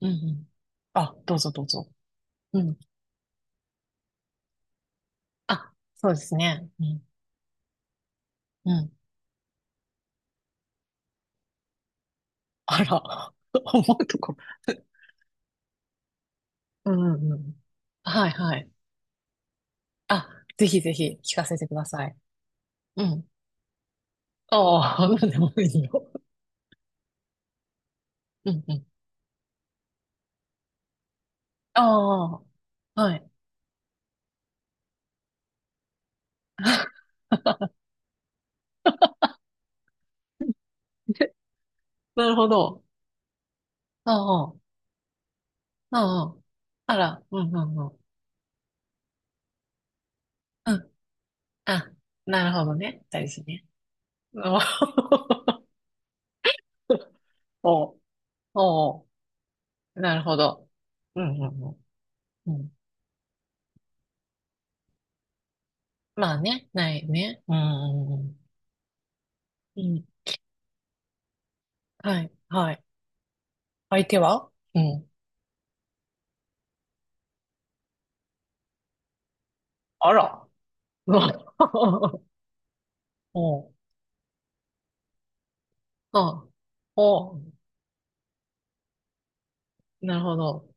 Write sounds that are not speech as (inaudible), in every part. うんうん。あ、どうぞどうぞ。うん。あ、そうですね。うん。うん。あら、(laughs) 思うとこ。うんうんうん。はいはい。あ、ぜひぜひ聞かせてください。うん。ああ、なんでもいいよ。うんうん。ああ、はい。(laughs) なるほど。ああ、ああ。あら、うんうんうん。うん。あ、なるほどね。大事ね。おお、(laughs) おお。なるほど。うん、うん、うん。うん、まあね、ないね。うん、うん、うん。うん、はい、はい。相手は、うん。あら。うわ。 (laughs) おう、あ、おう、なるほど。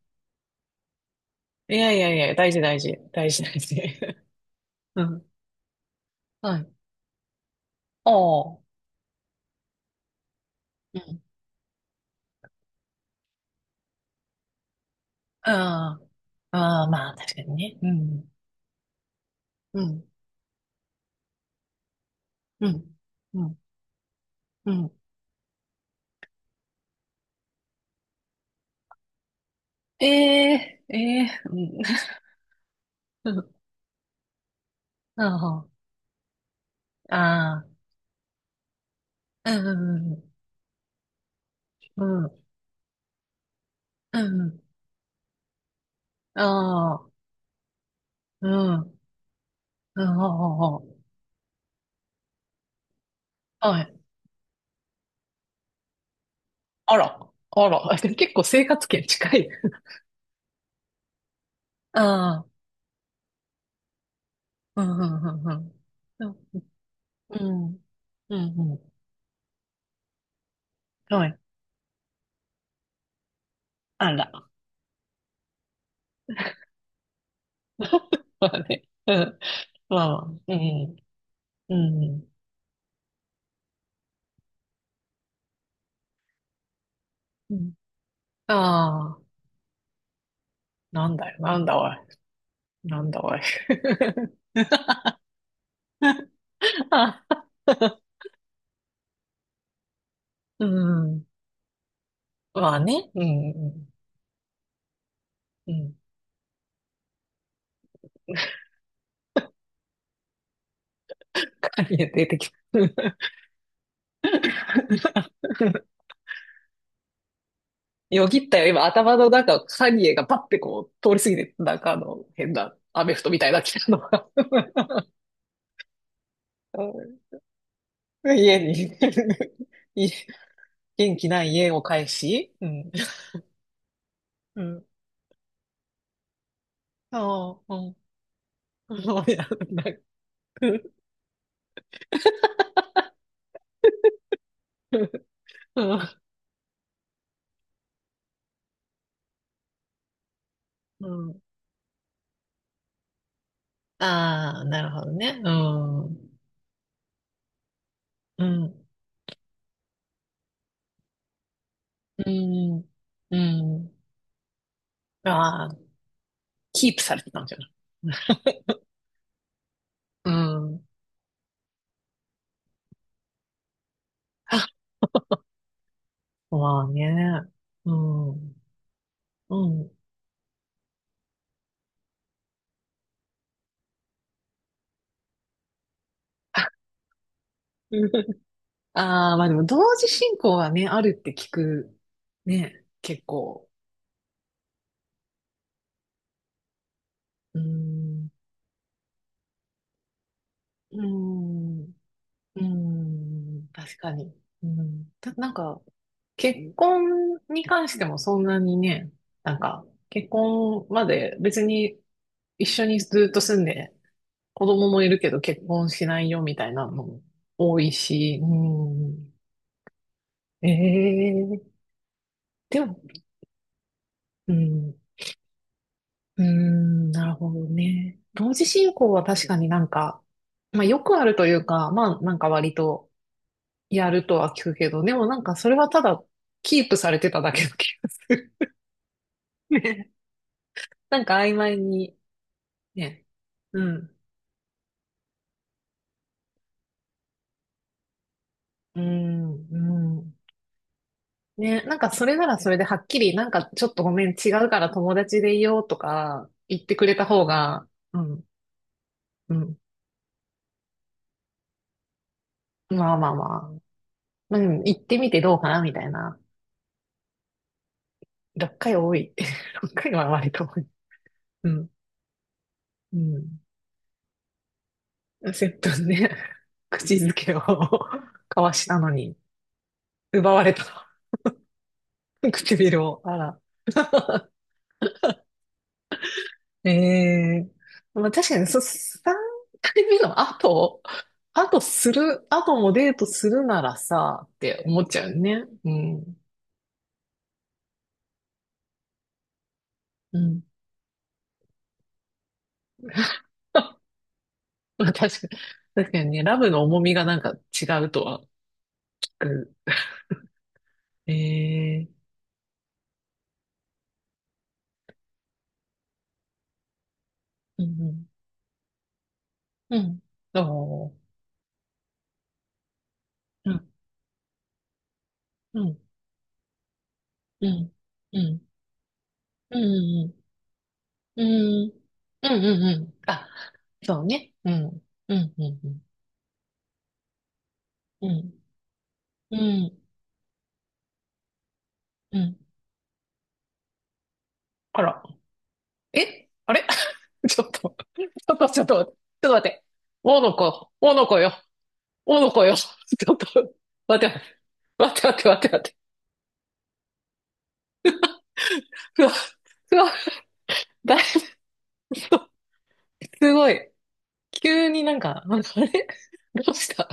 いやいやいや、大事大事。大事大事。(laughs) うん。はい。おう。うん。ああ、ああ、まあ、確かにね。うん。うん。うん。うん。うん。ええええ。うん。(laughs) ああ、ああ、うん、うん、うん。うんうん。ああ、うん。うん。ああ、あ、はい。あら。あら。(laughs) 結構生活圏近い。ああ、うん、うん、うん、うん。うん、うん、うん。はい。あら。(laughs) まあね。うん。まあ、うん、うん、うん。ああ、なんだよ、なんだおい。なんだおい。(laughs) あ、うん。まあね。うん、うん、うん。カニ出てきた。(laughs) よぎったよ。今、頭の中、カニエがパッてこう、通り過ぎて、なんかあの、変な、アメフトみたいな来たのが。(laughs) 家に、 (laughs) い、元気ない家を返し、うん。うん。そう、うん。そうやんな。うん。うん。ああ、なるほどね。うん。うん。うん。うん。ああ、キープされてたんじゃない、うん。あ、まあね。うん。うん。あ。 (laughs) ああ、まあでも同時進行はね、あるって聞く。ね、結構。うーん。うーん。うーん、確かに。うん。た、なんか、結婚に関してもそんなにね、なんか、結婚まで別に一緒にずっと住んで、子供もいるけど結婚しないよみたいなのも多いし、うん。ええ、でも、うん。うーん、なるほどね。同時進行は確かになんか、まあよくあるというか、まあなんか割とやるとは聞くけど、でもなんかそれはただキープされてただけの気がする。(laughs) ね。なんか曖昧に、ね。うん。うん、うん。ね、なんかそれならそれではっきり、なんかちょっとごめん、違うから友達でいようとか言ってくれた方が、うん、うん。まあまあまあ。うん、行ってみてどうかなみたいな。6回多い。(laughs) 6回は割と多い。うん、うん。10ね。 (laughs) 口づけを (laughs) 交わしたのに、奪われた。 (laughs) 唇を。あら。ええ、まあ、確かに、そ、3回目の後、後する、後もデートするならさ、って思っちゃうね。うん。うん。(laughs) まあ、確かに、確かにね、ラブの重みがなんか違うとは聞く。ええ、うん、うん、うん。おー、うん、うん、うん、うん、うん、うん。うん。うんうんうん。あ、そうね。うん。うんうんうん。うん。うん。うん、あら。え、あれ。 (laughs) ちょっと、ちょっと、ちょっと、ちょっと待って。おのこ、おのこよ。おのこよ。ちょっと、待って、待って、待って、待って、待って。うわ、うわ、だいぶ、すごい。急になんか、なんかあれどうした。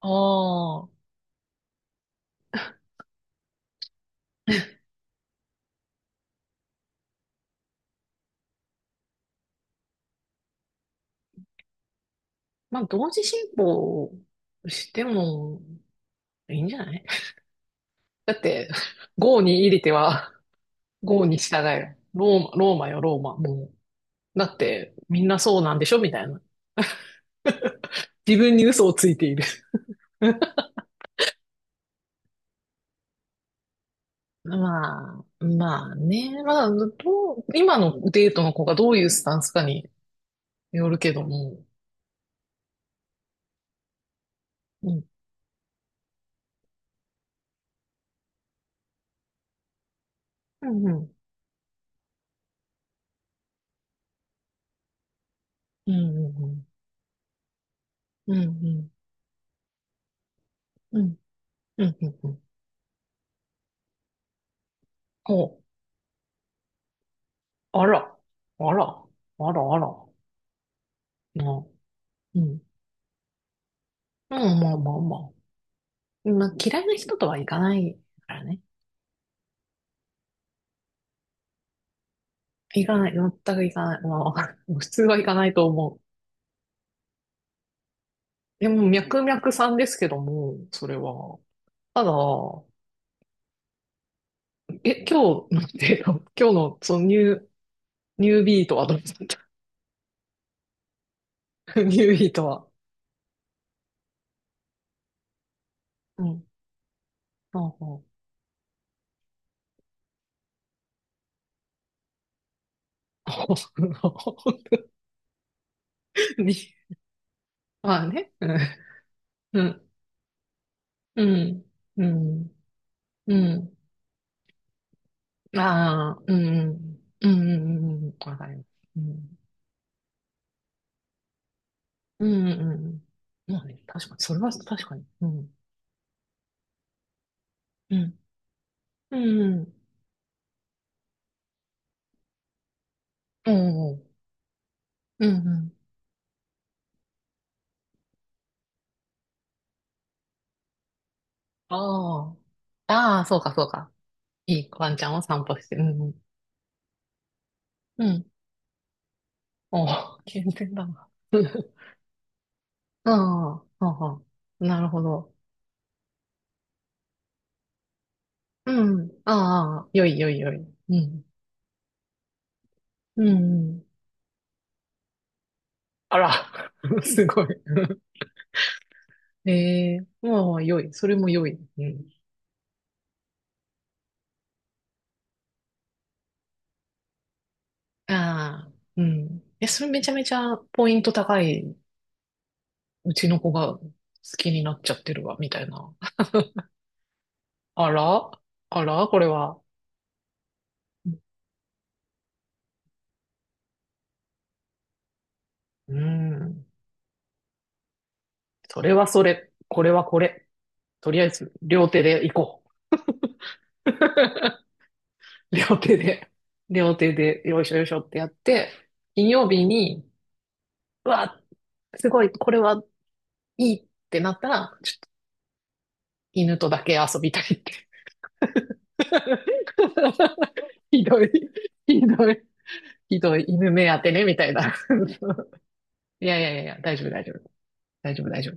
ああー。まあ、同時進行してもいいんじゃない、だって、郷に入りては、ゴーに従えよ。ローマ、ローマよ、ローマ。もう。だって、みんなそうなんでしょみたいな。自分に嘘をついている。(laughs) まあ、まあね。まあ、どう、今のデートの子がどういうスタンスかによるけども。うん。うん、うん。うん、うん、うん、うん、うん、うん、うんうん。お、あら、あら、あら、あら。まあ、うん。うん、まあまあまあ。まあ、嫌いな人とはいかないからね。行かない、全く行かない。まあ、(laughs) もう普通は行かないと思う。でも、脈々さんですけども、それは。ただ、え、今日、なんていうの、今日の、その、ニュー、ニュービートはどうだった。 (laughs) ニュービートは。うん。ああ、あ。 (laughs) に、まあね。うん。うん。うん。うん。うん、ああ、うん。うん。うん。うん。うん、わかります。うん。うん。うん。うん、まあね、確かに、それは確かに。うん。うん。うん。うんうん。うんうん。ああ。ああ、そうかそうか。いいワンちゃんを散歩して。うんうん。うん。おお、健全だな。(laughs) ああ、はあはあ。なるほど。うん。ああ、よいよいよい。うん。うんうん。あら、(laughs) すごい。(laughs) ええ、もう良い。それも良い。うん。ああ、うん。え、それめちゃめちゃポイント高い、うちの子が好きになっちゃってるわ、みたいな。あら、あら、これは。うーん。それはそれ。これはこれ。とりあえず、両手で行こう。(laughs) 両手で、両手で、よいしょよいしょってやって、金曜日に、うわ、すごい、これはいいってなったら、ちょっと犬とだけ遊びたいって。(laughs) ひどい、ひどい、ひどい、犬目当てね、みたいな。(laughs) いやいやいやいや、大丈夫大丈夫。大丈夫大丈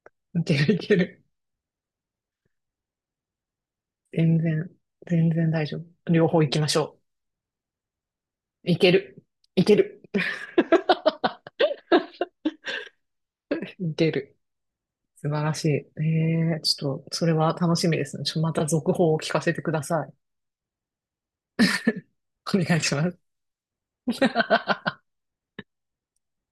夫。いけるいける。全然、全然大丈夫。両方行きましょう。いける、いける。見てる。素晴らしい。ええちょっと、それは楽しみですね。ちょ、また続報を聞かせてください。お願いします。